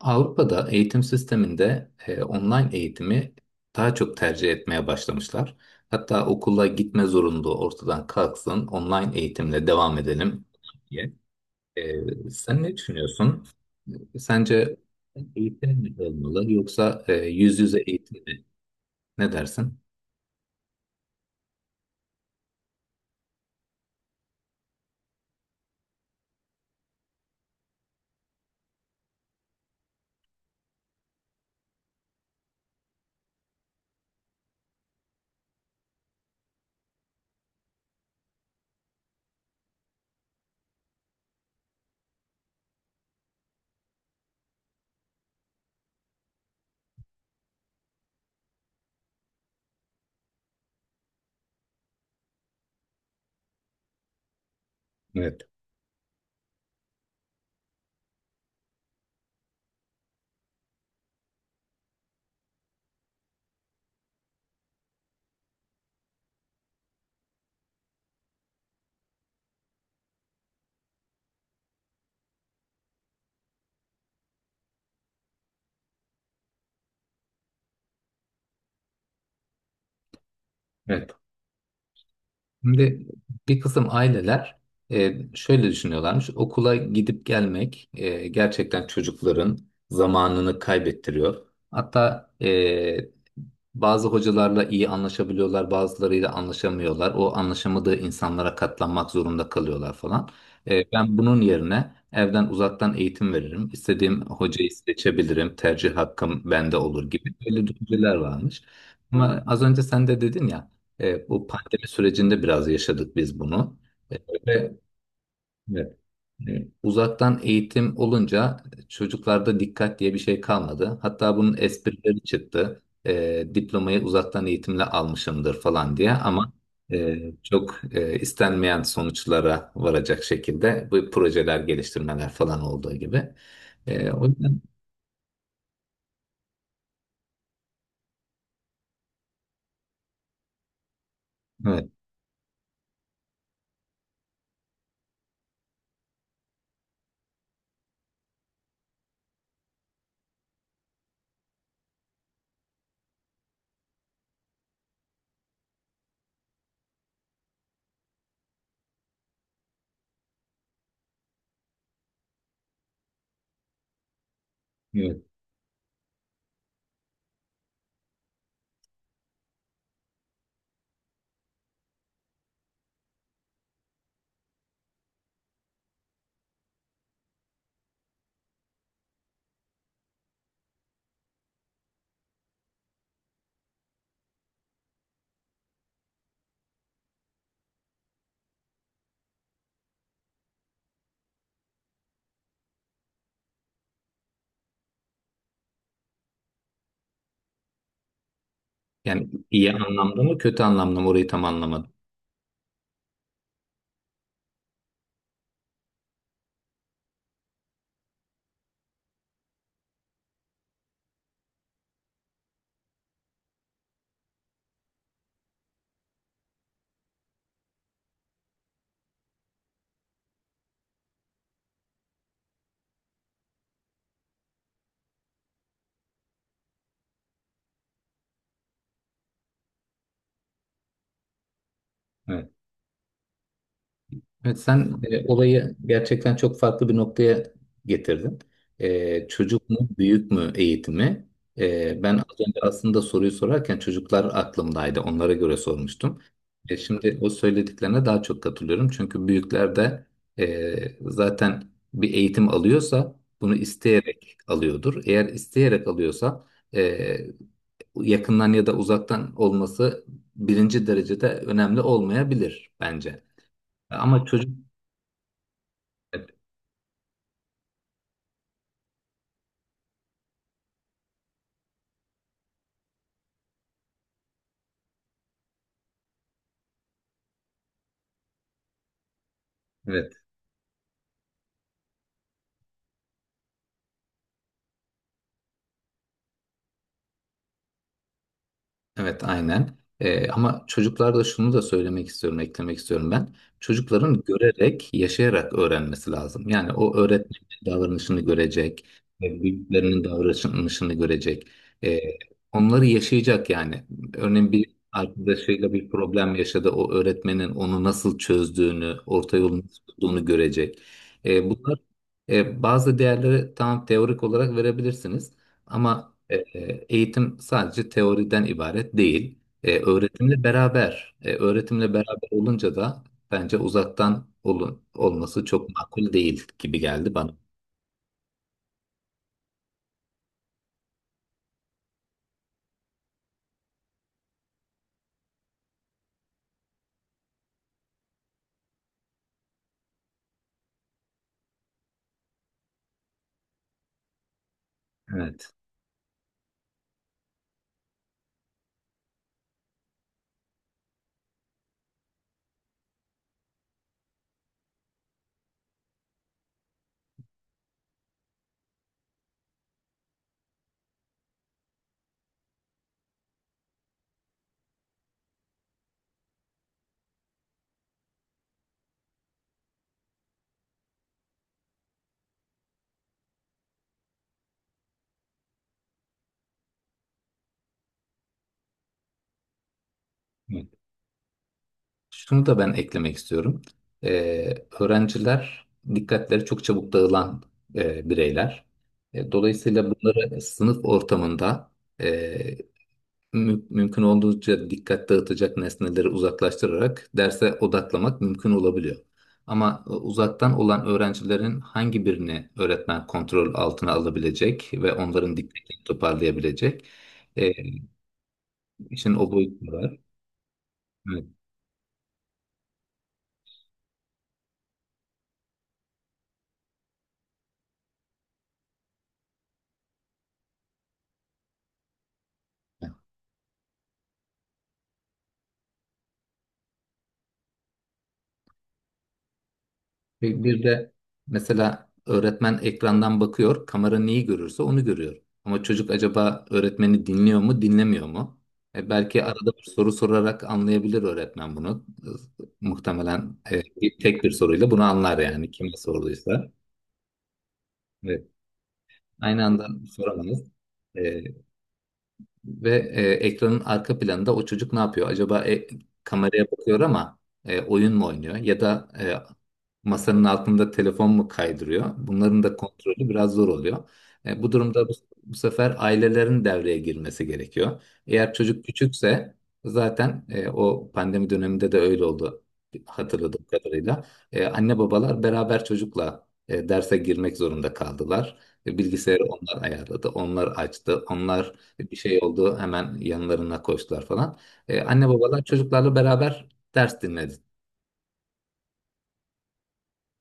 Avrupa'da eğitim sisteminde online eğitimi daha çok tercih etmeye başlamışlar. Hatta okula gitme zorunluluğu ortadan kalksın, online eğitimle devam edelim diye. Sen ne düşünüyorsun? Sence eğitim mi olmalı yoksa yüz yüze eğitim mi? Ne dersin? Evet. Evet. Şimdi bir kısım aileler, şöyle düşünüyorlarmış. Okula gidip gelmek gerçekten çocukların zamanını kaybettiriyor. Hatta bazı hocalarla iyi anlaşabiliyorlar, bazılarıyla anlaşamıyorlar. O anlaşamadığı insanlara katlanmak zorunda kalıyorlar falan. Ben bunun yerine evden uzaktan eğitim veririm. İstediğim hocayı seçebilirim. Tercih hakkım bende olur gibi böyle düşünceler varmış. Ama az önce sen de dedin ya, bu pandemi sürecinde biraz yaşadık biz bunu. E, ve- Evet. Uzaktan eğitim olunca çocuklarda dikkat diye bir şey kalmadı. Hatta bunun esprileri çıktı. Diplomayı uzaktan eğitimle almışımdır falan diye ama çok istenmeyen sonuçlara varacak şekilde bu projeler geliştirmeler falan olduğu gibi. O yüzden evet, evet. Yani iyi anlamda mı kötü anlamda mı orayı tam anlamadım. Evet. Evet, sen olayı gerçekten çok farklı bir noktaya getirdin. Çocuk mu, büyük mü eğitimi? Ben az önce aslında soruyu sorarken çocuklar aklımdaydı. Onlara göre sormuştum. Şimdi o söylediklerine daha çok katılıyorum. Çünkü büyükler de zaten bir eğitim alıyorsa bunu isteyerek alıyordur. Eğer isteyerek alıyorsa e, yakından ya da uzaktan olması birinci derecede önemli olmayabilir bence. Ama çocuk. Evet. Evet aynen. Ama çocuklarda şunu da söylemek istiyorum, eklemek istiyorum ben. Çocukların görerek, yaşayarak öğrenmesi lazım. Yani o öğretmenin davranışını görecek, büyüklerinin davranışını görecek. Ee, onları yaşayacak yani. Örneğin bir arkadaşıyla bir problem yaşadı. O öğretmenin onu nasıl çözdüğünü, orta yolunu nasıl bulduğunu görecek. Bunlar bazı değerleri tamam teorik olarak verebilirsiniz. Ama E, eğitim sadece teoriden ibaret değil. Öğretimle beraber, öğretimle beraber olunca da bence uzaktan olması çok makul değil gibi geldi bana. Evet. Evet. Şunu da ben eklemek istiyorum. E, öğrenciler dikkatleri çok çabuk dağılan bireyler. Dolayısıyla bunları sınıf ortamında, e, mümkün olduğunca dikkat dağıtacak nesneleri uzaklaştırarak derse odaklamak mümkün olabiliyor. Ama uzaktan olan öğrencilerin hangi birini öğretmen kontrol altına alabilecek ve onların dikkatini toparlayabilecek, e, işin o boyutu var. Evet. Bir de mesela öğretmen ekrandan bakıyor, kamera neyi görürse onu görüyor. Ama çocuk acaba öğretmeni dinliyor mu, dinlemiyor mu? E belki arada bir soru sorarak anlayabilir öğretmen bunu. Muhtemelen tek bir soruyla bunu anlar yani kime sorduysa. Evet. Aynı anda soramaz. E, Ve ekranın arka planında o çocuk ne yapıyor? Acaba kameraya bakıyor ama oyun mu oynuyor? Ya da masanın altında telefon mu kaydırıyor? Bunların da kontrolü biraz zor oluyor. Bu durumda bu sefer ailelerin devreye girmesi gerekiyor. Eğer çocuk küçükse zaten, o pandemi döneminde de öyle oldu hatırladığım kadarıyla. Anne babalar beraber çocukla derse girmek zorunda kaldılar. Bilgisayarı onlar ayarladı, onlar açtı, onlar bir şey oldu hemen yanlarına koştular falan. Anne babalar çocuklarla beraber ders dinledi.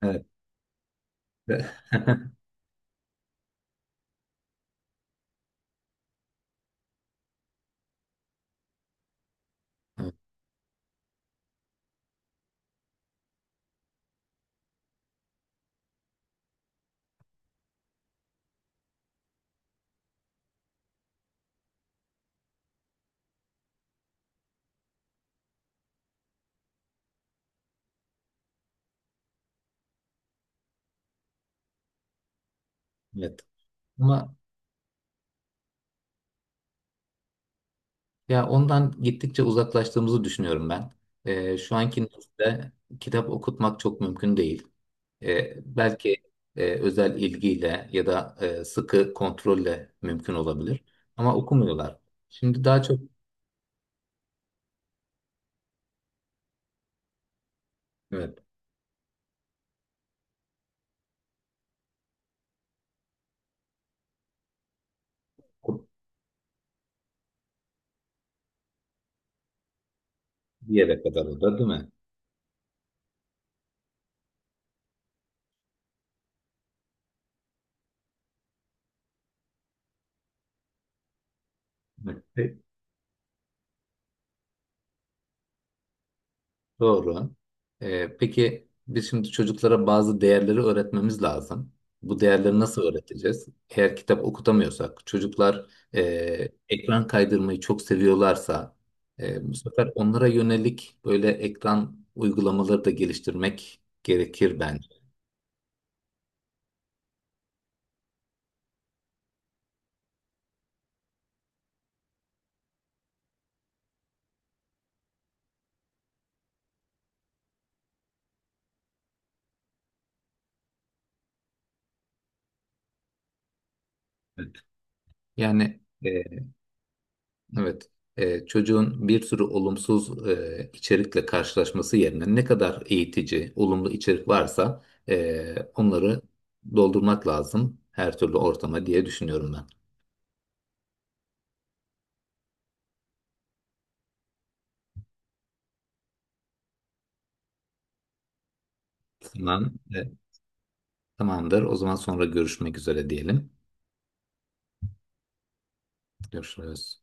Evet. Evet. Ama ya ondan gittikçe uzaklaştığımızı düşünüyorum ben. Şu anki nesilde kitap okutmak çok mümkün değil. Belki özel ilgiyle ya da sıkı kontrolle mümkün olabilir. Ama okumuyorlar. Şimdi daha çok evet, bir yere kadar o da değil mi? Evet. Doğru. Peki biz şimdi çocuklara bazı değerleri öğretmemiz lazım. Bu değerleri nasıl öğreteceğiz? Eğer kitap okutamıyorsak, çocuklar e, ekran kaydırmayı çok seviyorlarsa, bu sefer onlara yönelik böyle ekran uygulamaları da geliştirmek gerekir bence. Yani e, Evet. Çocuğun bir sürü olumsuz içerikle karşılaşması yerine ne kadar eğitici, olumlu içerik varsa, onları doldurmak lazım her türlü ortama diye düşünüyorum ben. Tamam. Tamamdır. O zaman sonra görüşmek üzere diyelim. Görüşürüz.